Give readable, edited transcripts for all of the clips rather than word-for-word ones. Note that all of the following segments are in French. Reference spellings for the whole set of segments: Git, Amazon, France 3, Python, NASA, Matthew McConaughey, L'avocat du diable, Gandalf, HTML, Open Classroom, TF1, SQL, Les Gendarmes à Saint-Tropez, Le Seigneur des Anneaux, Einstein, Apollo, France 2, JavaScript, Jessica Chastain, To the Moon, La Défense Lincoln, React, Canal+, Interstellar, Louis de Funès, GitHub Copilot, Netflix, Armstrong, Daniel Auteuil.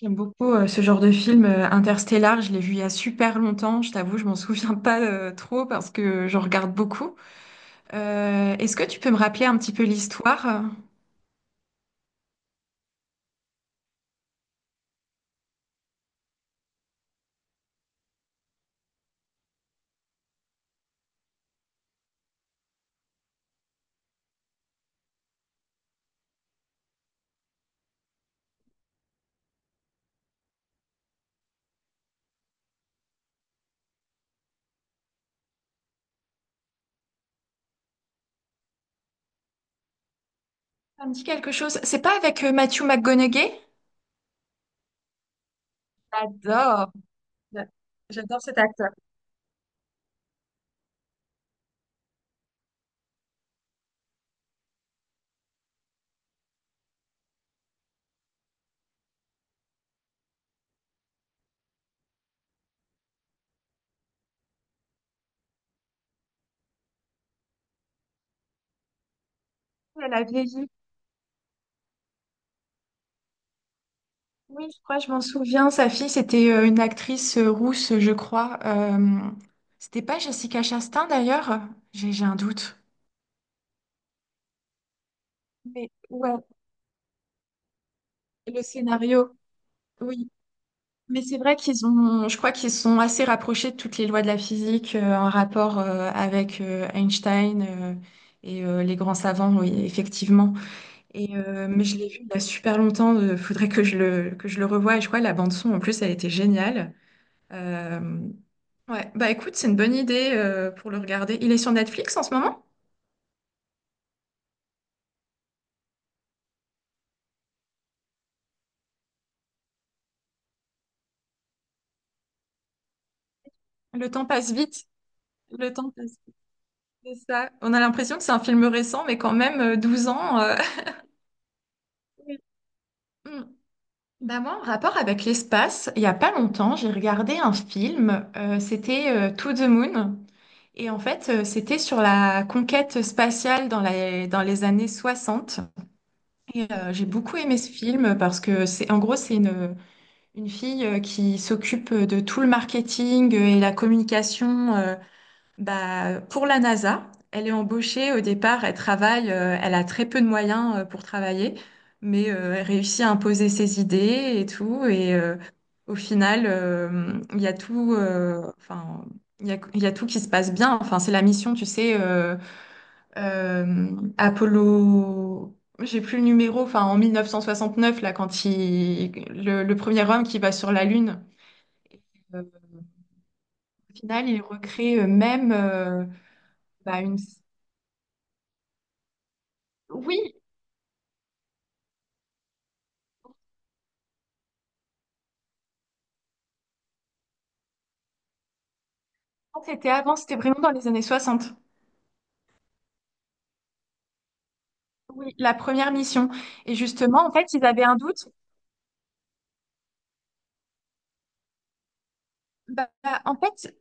J'aime beaucoup ce genre de film, Interstellar, je l'ai vu il y a super longtemps, je t'avoue, je m'en souviens pas trop parce que j'en regarde beaucoup. Est-ce que tu peux me rappeler un petit peu l'histoire? Ça me dit quelque chose. C'est pas avec Matthew McConaughey? J'adore. J'a- J'adore cet acteur. Elle a vieilli. Oui, je crois, je m'en souviens. Sa fille, c'était une actrice rousse, je crois. C'était pas Jessica Chastain d'ailleurs? J'ai un doute. Mais ouais, le scénario. Oui. Mais c'est vrai qu'ils ont, je crois qu'ils sont assez rapprochés de toutes les lois de la physique en rapport avec Einstein, et les grands savants, oui, effectivement. Et, mais je l'ai vu il y a super longtemps, il faudrait que je le revoie. Et je crois que la bande-son, en plus, elle était géniale. Euh, ouais, bah écoute, c'est une bonne idée pour le regarder. Il est sur Netflix en ce moment? Le temps passe vite. Le temps passe vite, c'est ça. On a l'impression que c'est un film récent, mais quand même, 12 ans. Oui. Mm. Bah moi, en rapport avec l'espace, il y a pas longtemps, j'ai regardé un film, c'était To the Moon, et en fait, c'était sur la conquête spatiale dans dans les années 60. Et j'ai beaucoup aimé ce film parce que c'est, en gros, c'est une fille qui s'occupe de tout le marketing et la communication, bah, pour la NASA, elle est embauchée au départ, elle travaille, elle a très peu de moyens pour travailler, mais elle réussit à imposer ses idées et tout. Et au final, il y a tout, enfin, il y a tout qui se passe bien. Enfin, c'est la mission, tu sais, euh, Apollo, j'ai plus le numéro, enfin, en 1969, là, quand il, le premier homme qui va sur la Lune, euh, au final, il recrée, même bah, une. Oui, c'était avant, c'était vraiment dans les années 60. Oui, la première mission. Et justement, en fait, ils avaient un doute. Bah, en fait,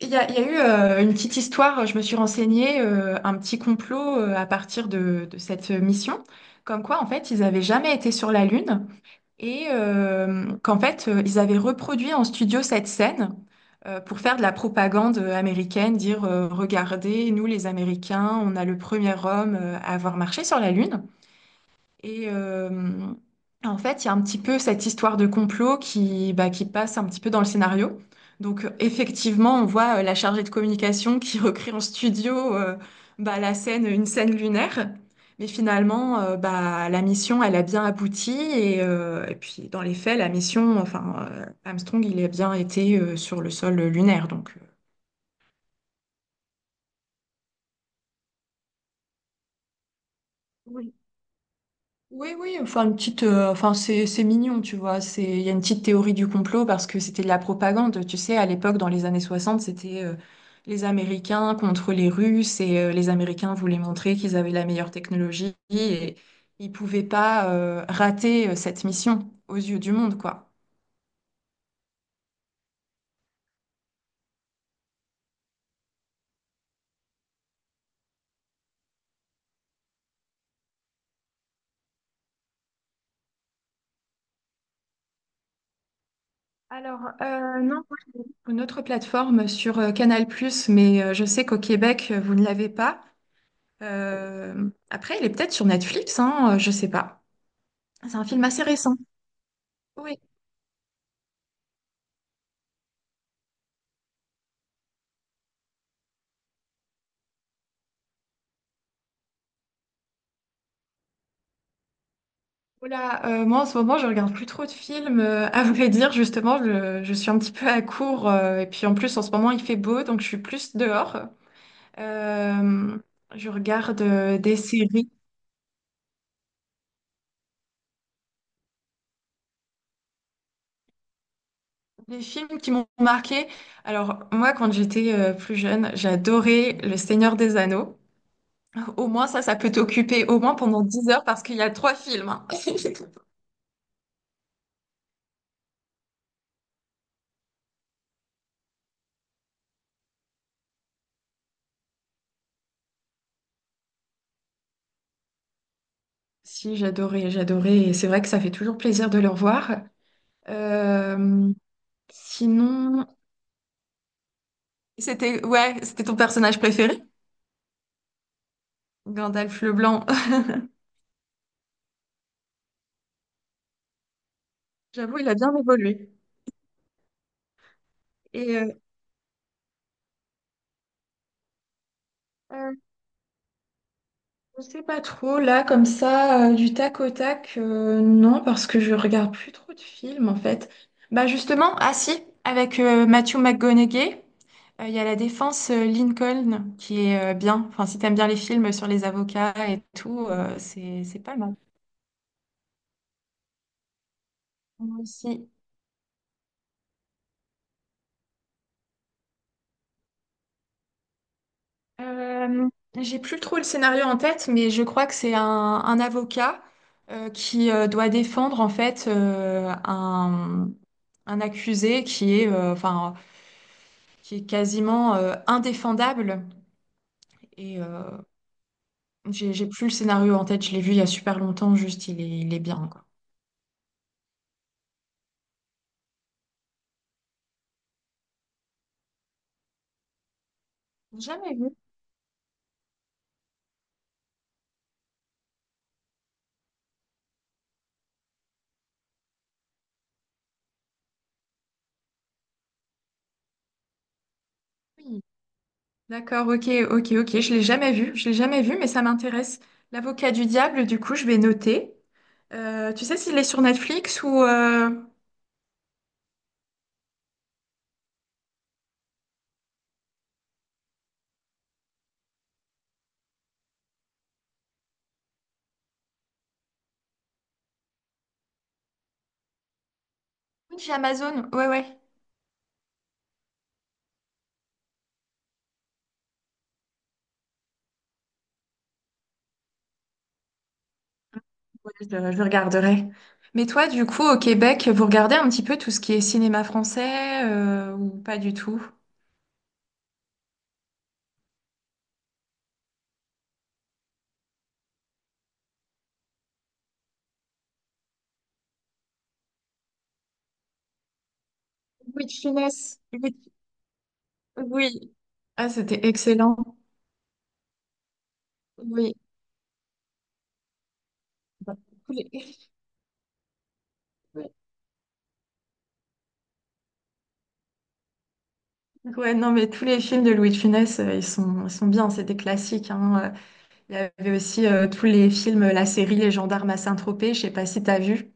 il y a eu une petite histoire, je me suis renseignée, un petit complot à partir de cette mission, comme quoi, en fait, ils n'avaient jamais été sur la Lune et qu'en fait, ils avaient reproduit en studio cette scène pour faire de la propagande américaine, dire, regardez, nous, les Américains, on a le premier homme à avoir marché sur la Lune. Et en fait, il y a un petit peu cette histoire de complot qui, bah, qui passe un petit peu dans le scénario. Donc, effectivement, on voit la chargée de communication qui recrée en studio, bah, la scène, une scène lunaire. Mais finalement, bah, la mission, elle a bien abouti. Et puis, dans les faits, la mission, enfin, Armstrong, il a bien été sur le sol lunaire. Donc, oui. Oui, oui, enfin une petite, enfin c'est mignon, tu vois. C'est il y a une petite théorie du complot parce que c'était de la propagande, tu sais. À l'époque, dans les années 60, c'était les Américains contre les Russes et les Américains voulaient montrer qu'ils avaient la meilleure technologie et ils pouvaient pas rater cette mission aux yeux du monde, quoi. Alors, non. Une autre plateforme sur Canal+, mais je sais qu'au Québec, vous ne l'avez pas. Après, il est peut-être sur Netflix, hein, je sais pas. C'est un film assez récent. Oui, oula, moi en ce moment je regarde plus trop de films. À vrai dire, justement, je suis un petit peu à court. Et puis en plus en ce moment il fait beau, donc je suis plus dehors. Euh, je regarde des séries, des films qui m'ont marqué. Alors moi quand j'étais plus jeune, j'adorais Le Seigneur des Anneaux. Au moins ça, ça peut t'occuper au moins pendant 10 heures parce qu'il y a 3 films, hein. Si, j'adorais. Et c'est vrai que ça fait toujours plaisir de le revoir. Euh, sinon... C'était ouais, c'était ton personnage préféré? Gandalf le Blanc. J'avoue, il a bien évolué. Et euh, euh, je sais pas trop, là, comme ça, du tac au tac, non, parce que je regarde plus trop de films, en fait. Bah justement, ah si, avec Matthew McConaughey, il y a La Défense Lincoln, qui est bien. Enfin, si t'aimes bien les films sur les avocats et tout, c'est pas mal. Moi aussi. Euh, j'ai plus trop le scénario en tête, mais je crois que c'est un avocat qui doit défendre en fait un accusé qui est, enfin, qui est quasiment indéfendable. Et j'ai plus le scénario en tête, je l'ai vu il y a super longtemps, juste il est bien, quoi. Jamais vu. Oui. D'accord, ok, ok, ok, je l'ai jamais vu, je l'ai jamais vu, mais ça m'intéresse. L'avocat du diable, du coup, je vais noter. Tu sais s'il est sur Netflix ou... Oui, j'ai Amazon, ouais, ouais. Ouais, je regarderai. Mais toi, du coup, au Québec, vous regardez un petit peu tout ce qui est cinéma français ou pas du tout? Oui, de finesse. Oui, oui, ah, c'était excellent. Oui. Oui. Ouais, non, mais tous les films de Louis de Funès, ils sont bien, c'est des classiques, hein. Il y avait aussi tous les films, la série Les Gendarmes à Saint-Tropez, je sais pas si t'as vu.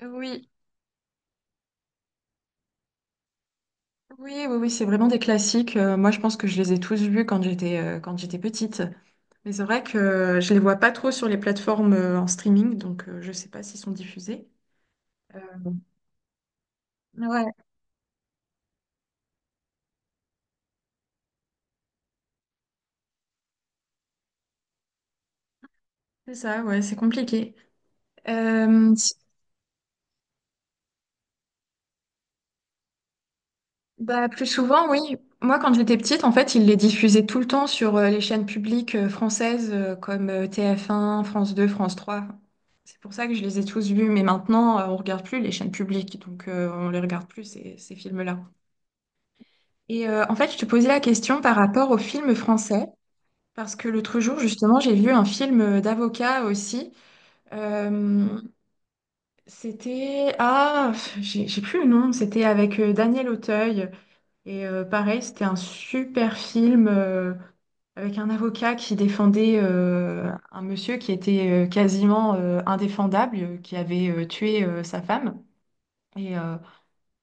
Oui. Oui, oui, oui, c'est vraiment des classiques. Moi, je pense que je les ai tous vus quand j'étais petite. Mais c'est vrai que je les vois pas trop sur les plateformes en streaming, donc je sais pas s'ils sont diffusés. Euh, ouais, c'est ça, ouais, c'est compliqué. Euh, si- bah, plus souvent, oui. Moi, quand j'étais petite, en fait, ils les diffusaient tout le temps sur les chaînes publiques françaises comme TF1, France 2, France 3. C'est pour ça que je les ai tous vus. Mais maintenant, on regarde plus les chaînes publiques, donc on les regarde plus, ces films-là. Et en fait, je te posais la question par rapport aux films français. Parce que l'autre jour, justement, j'ai vu un film d'avocat aussi. Euh, c'était... Ah, j'ai plus le nom. C'était avec Daniel Auteuil. Et pareil, c'était un super film avec un avocat qui défendait un monsieur qui était quasiment indéfendable, qui avait tué sa femme. Et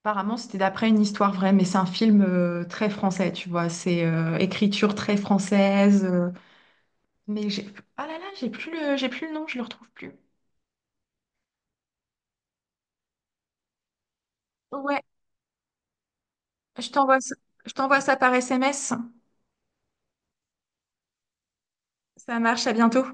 apparemment, c'était d'après une histoire vraie, mais c'est un film très français, tu vois. C'est écriture très française. Mais j'ai... ah là là, j'ai plus le nom, je le retrouve plus. Ouais, je t'envoie ça, je t'envoie ça par SMS. Ça marche, à bientôt.